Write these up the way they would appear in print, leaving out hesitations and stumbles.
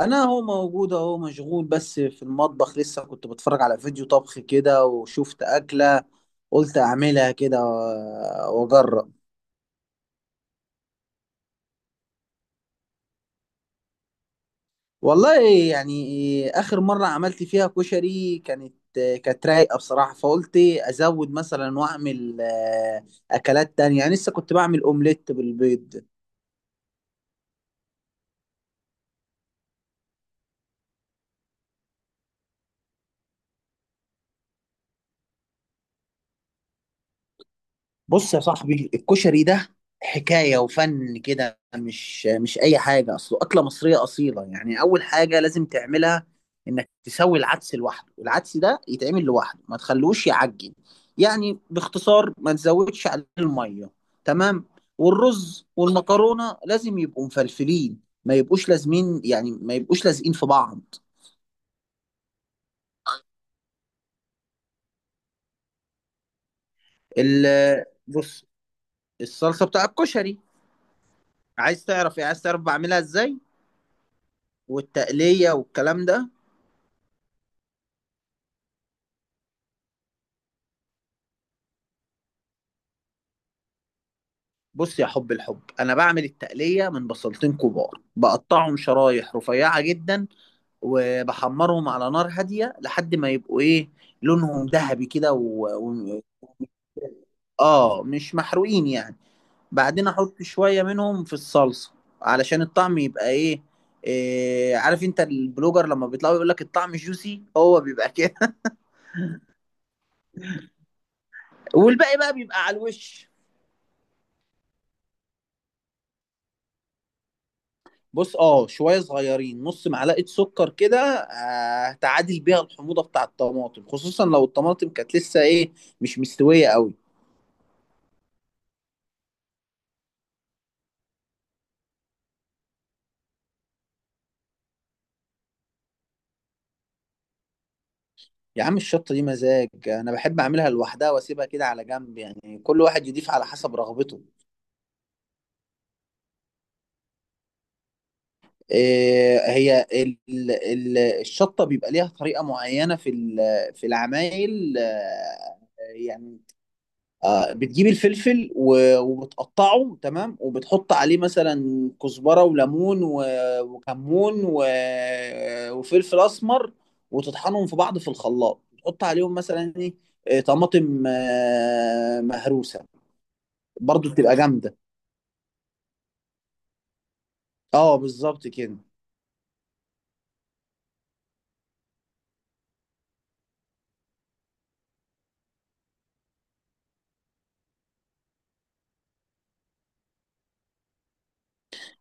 انا هو موجود اهو مشغول، بس في المطبخ. لسه كنت بتفرج على فيديو طبخ كده، وشفت اكله. قلت اعملها كده واجرب. والله، يعني اخر مره عملت فيها كشري كانت رايقه بصراحه، فقلت ازود مثلا واعمل اكلات تانية. يعني لسه كنت بعمل اومليت بالبيض. بص يا صاحبي، الكشري ده حكاية وفن كده. مش أي حاجة. أصله أكلة مصرية أصيلة. يعني أول حاجة لازم تعملها إنك تسوي العدس لوحده. العدس ده يتعمل لوحده، ما تخلوش يعجن. يعني باختصار ما تزودش عليه المية، تمام. والرز والمكرونة لازم يبقوا مفلفلين، ما يبقوش لازمين، يعني ما يبقوش لازقين في بعض. بص، الصلصة بتاع الكشري، عايز تعرف إيه؟ عايز تعرف بعملها إزاي، والتقلية والكلام ده. بص يا حب الحب، انا بعمل التقليه من بصلتين كبار. بقطعهم شرايح رفيعه جدا، وبحمرهم على نار هاديه لحد ما يبقوا ايه، لونهم ذهبي كده. اه، مش محروقين يعني. بعدين احط شويه منهم في الصلصه علشان الطعم يبقى ايه. إيه، عارف انت البلوجر لما بيطلعوا يقول لك الطعم جوسي؟ هو بيبقى كده. والباقي بقى بيبقى على الوش. بص، اه شويه صغيرين، نص معلقه سكر كده، هتعادل بيها الحموضه بتاع الطماطم، خصوصا لو الطماطم كانت لسه ايه، مش مستويه قوي. يا عم، الشطه دي مزاج. انا بحب اعملها لوحدها واسيبها كده على جنب، يعني كل واحد يضيف على حسب رغبته. إيه هي ال ال الشطه بيبقى ليها طريقه معينه في العمايل، يعني، بتجيب الفلفل وبتقطعه، تمام، وبتحط عليه مثلا كزبرة وليمون وكمون وفلفل أسمر. وتطحنهم في بعض في الخلاط، تحط عليهم مثلا ايه، طماطم مهروسة. برضو بتبقى جامدة. اه بالظبط كده.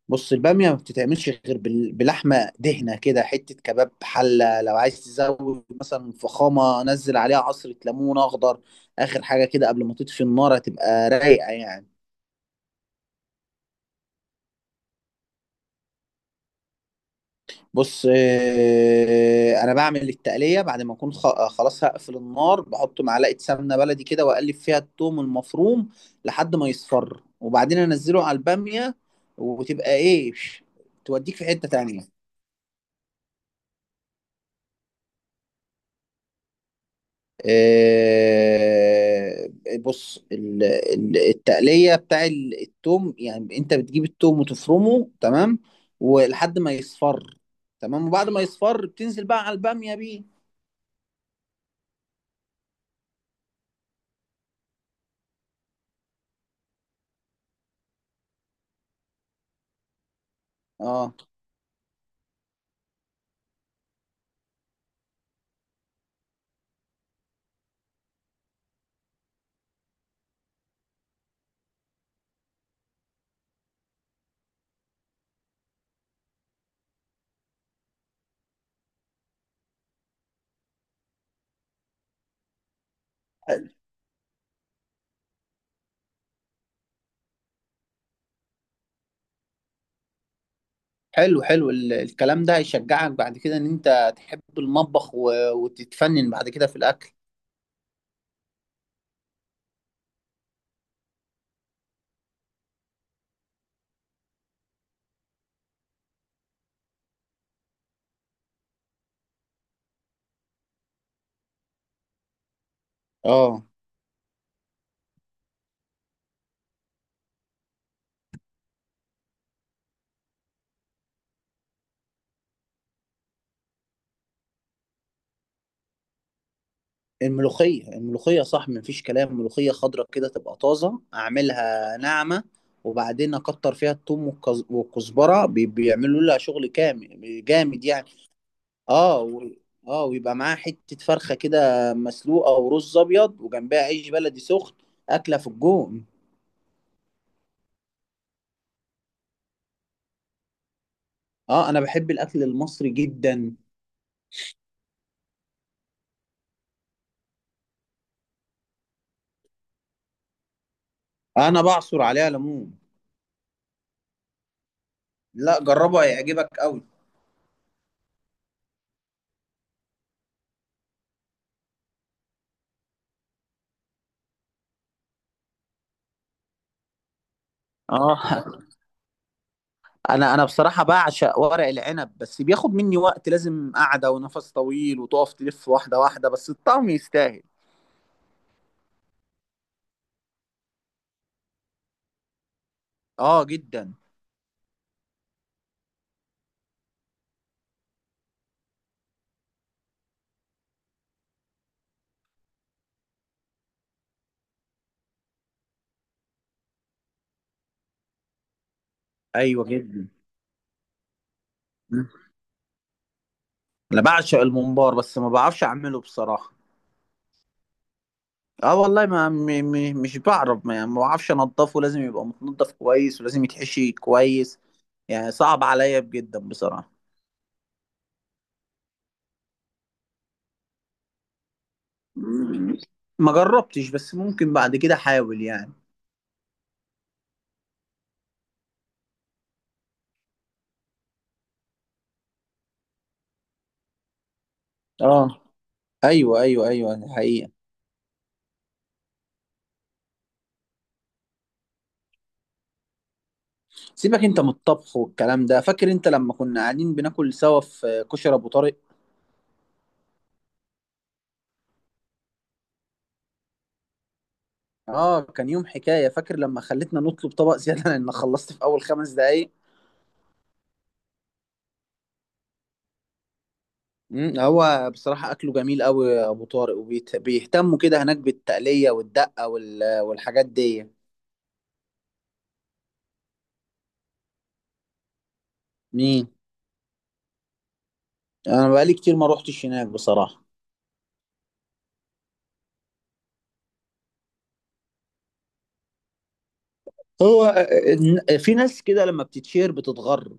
بص، البامية ما بتتعملش غير بلحمة دهنة كده، حتة كباب حلة. لو عايز تزود مثلا فخامة، نزل عليها عصرة ليمون أخضر آخر حاجة كده قبل ما تطفي النار. هتبقى رايقة يعني. بص، أنا بعمل التقلية بعد ما أكون خلاص هقفل النار. بحط معلقة سمنة بلدي كده، وأقلب فيها التوم المفروم لحد ما يصفر، وبعدين أنزله على البامية. وتبقى إيه، توديك في حتة تانية. آه، بص، التقلية بتاع التوم، يعني انت بتجيب التوم وتفرمه، تمام، ولحد ما يصفر، تمام، وبعد ما يصفر بتنزل بقى على البامية بيه. اه، حلو حلو. الكلام ده هيشجعك بعد كده ان انت تحب المطبخ وتتفنن بعد كده في الاكل. اه، الملوخية الملوخية صح، مفيش كلام. ملوخية خضرة كده، تبقى طازة، أعملها ناعمة. وبعدين أكتر فيها الثوم والكزبرة، بيعملوا لها شغل كامل جامد يعني. اه. اه، ويبقى معاها حتة فرخة كده مسلوقة، ورز أبيض، وجنبها عيش بلدي سخن. أكلة في الجون. اه، أنا بحب الأكل المصري جدا. أنا بعصر عليها ليمون. لا، جربه هيعجبك أوي. اه، انا بصراحه بعشق ورق العنب، بس بياخد مني وقت، لازم قعده ونفس طويل، وتقف تلف واحده واحده، بس الطعم يستاهل. اه جدا. ايوه جدا. مم. انا بعشق الممبار، بس ما بعرفش اعمله بصراحه. اه والله، ما م م مش بعرف، ما بعرفش انضفه. لازم يبقى متنضف كويس، ولازم يتحشي كويس، يعني صعب عليا جدا بصراحه. مم. ما جربتش، بس ممكن بعد كده احاول يعني. اه، ايوه ايوه ايوه، حقيقي. سيبك انت من الطبخ والكلام ده. فاكر انت لما كنا قاعدين بناكل سوا في كشري ابو طارق؟ اه، كان يوم حكايه. فاكر لما خلتنا نطلب طبق زياده لان خلصت في اول 5 دقايق. هو بصراحه اكله جميل قوي ابو طارق، وبيهتموا كده هناك بالتقليه والدقه والحاجات دي. مين؟ انا بقالي كتير ما روحتش هناك بصراحه. هو في ناس كده لما بتتشير بتتغر.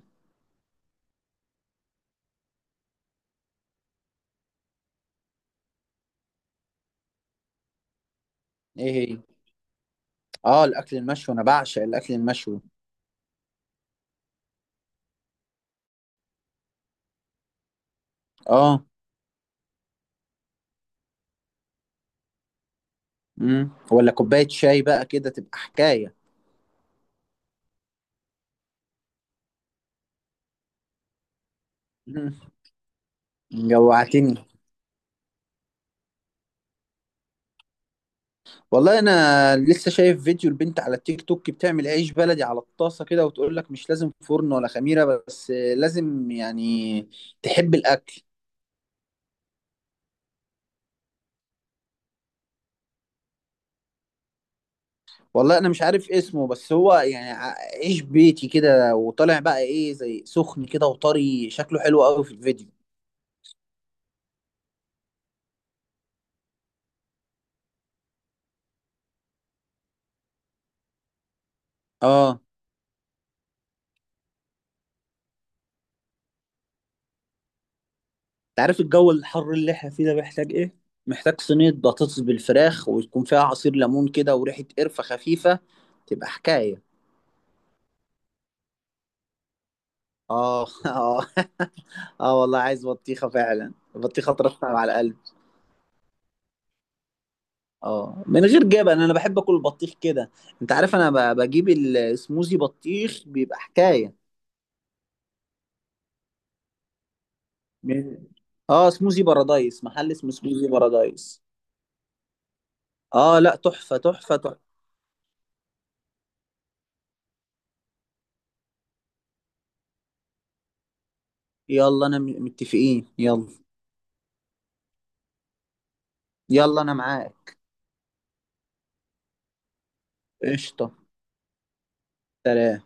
ايه هي. اه، الاكل المشوي، انا بعشق الاكل المشوي. اه. ولا كوبايه شاي بقى كده، تبقى حكايه. مم. جوعتني. والله انا لسه شايف فيديو البنت على التيك توك بتعمل عيش بلدي على الطاسه كده، وتقول لك مش لازم فرن ولا خميره، بس لازم يعني تحب الاكل. والله انا مش عارف اسمه، بس هو يعني عيش بيتي كده، وطالع بقى ايه زي سخن كده وطري، شكله حلو قوي في الفيديو. اه. انت عارف الجو الحر اللي احنا فيه ده محتاج ايه؟ محتاج صينيه بطاطس بالفراخ، ويكون فيها عصير ليمون كده وريحه قرفه خفيفه. تبقى حكايه. اه. اه والله، عايز بطيخه فعلا. البطيخه ترطب على القلب. اه، من غير جبن انا بحب اكل البطيخ كده. انت عارف، انا بجيب السموزي بطيخ، بيبقى حكايه. من. اه، سموزي بارادايس، محل اسمه سموزي بارادايس. اه، لا، تحفه تحفه تحفه. يلا، انا متفقين، يلا. يلا، انا معاك. قشطه. سلام.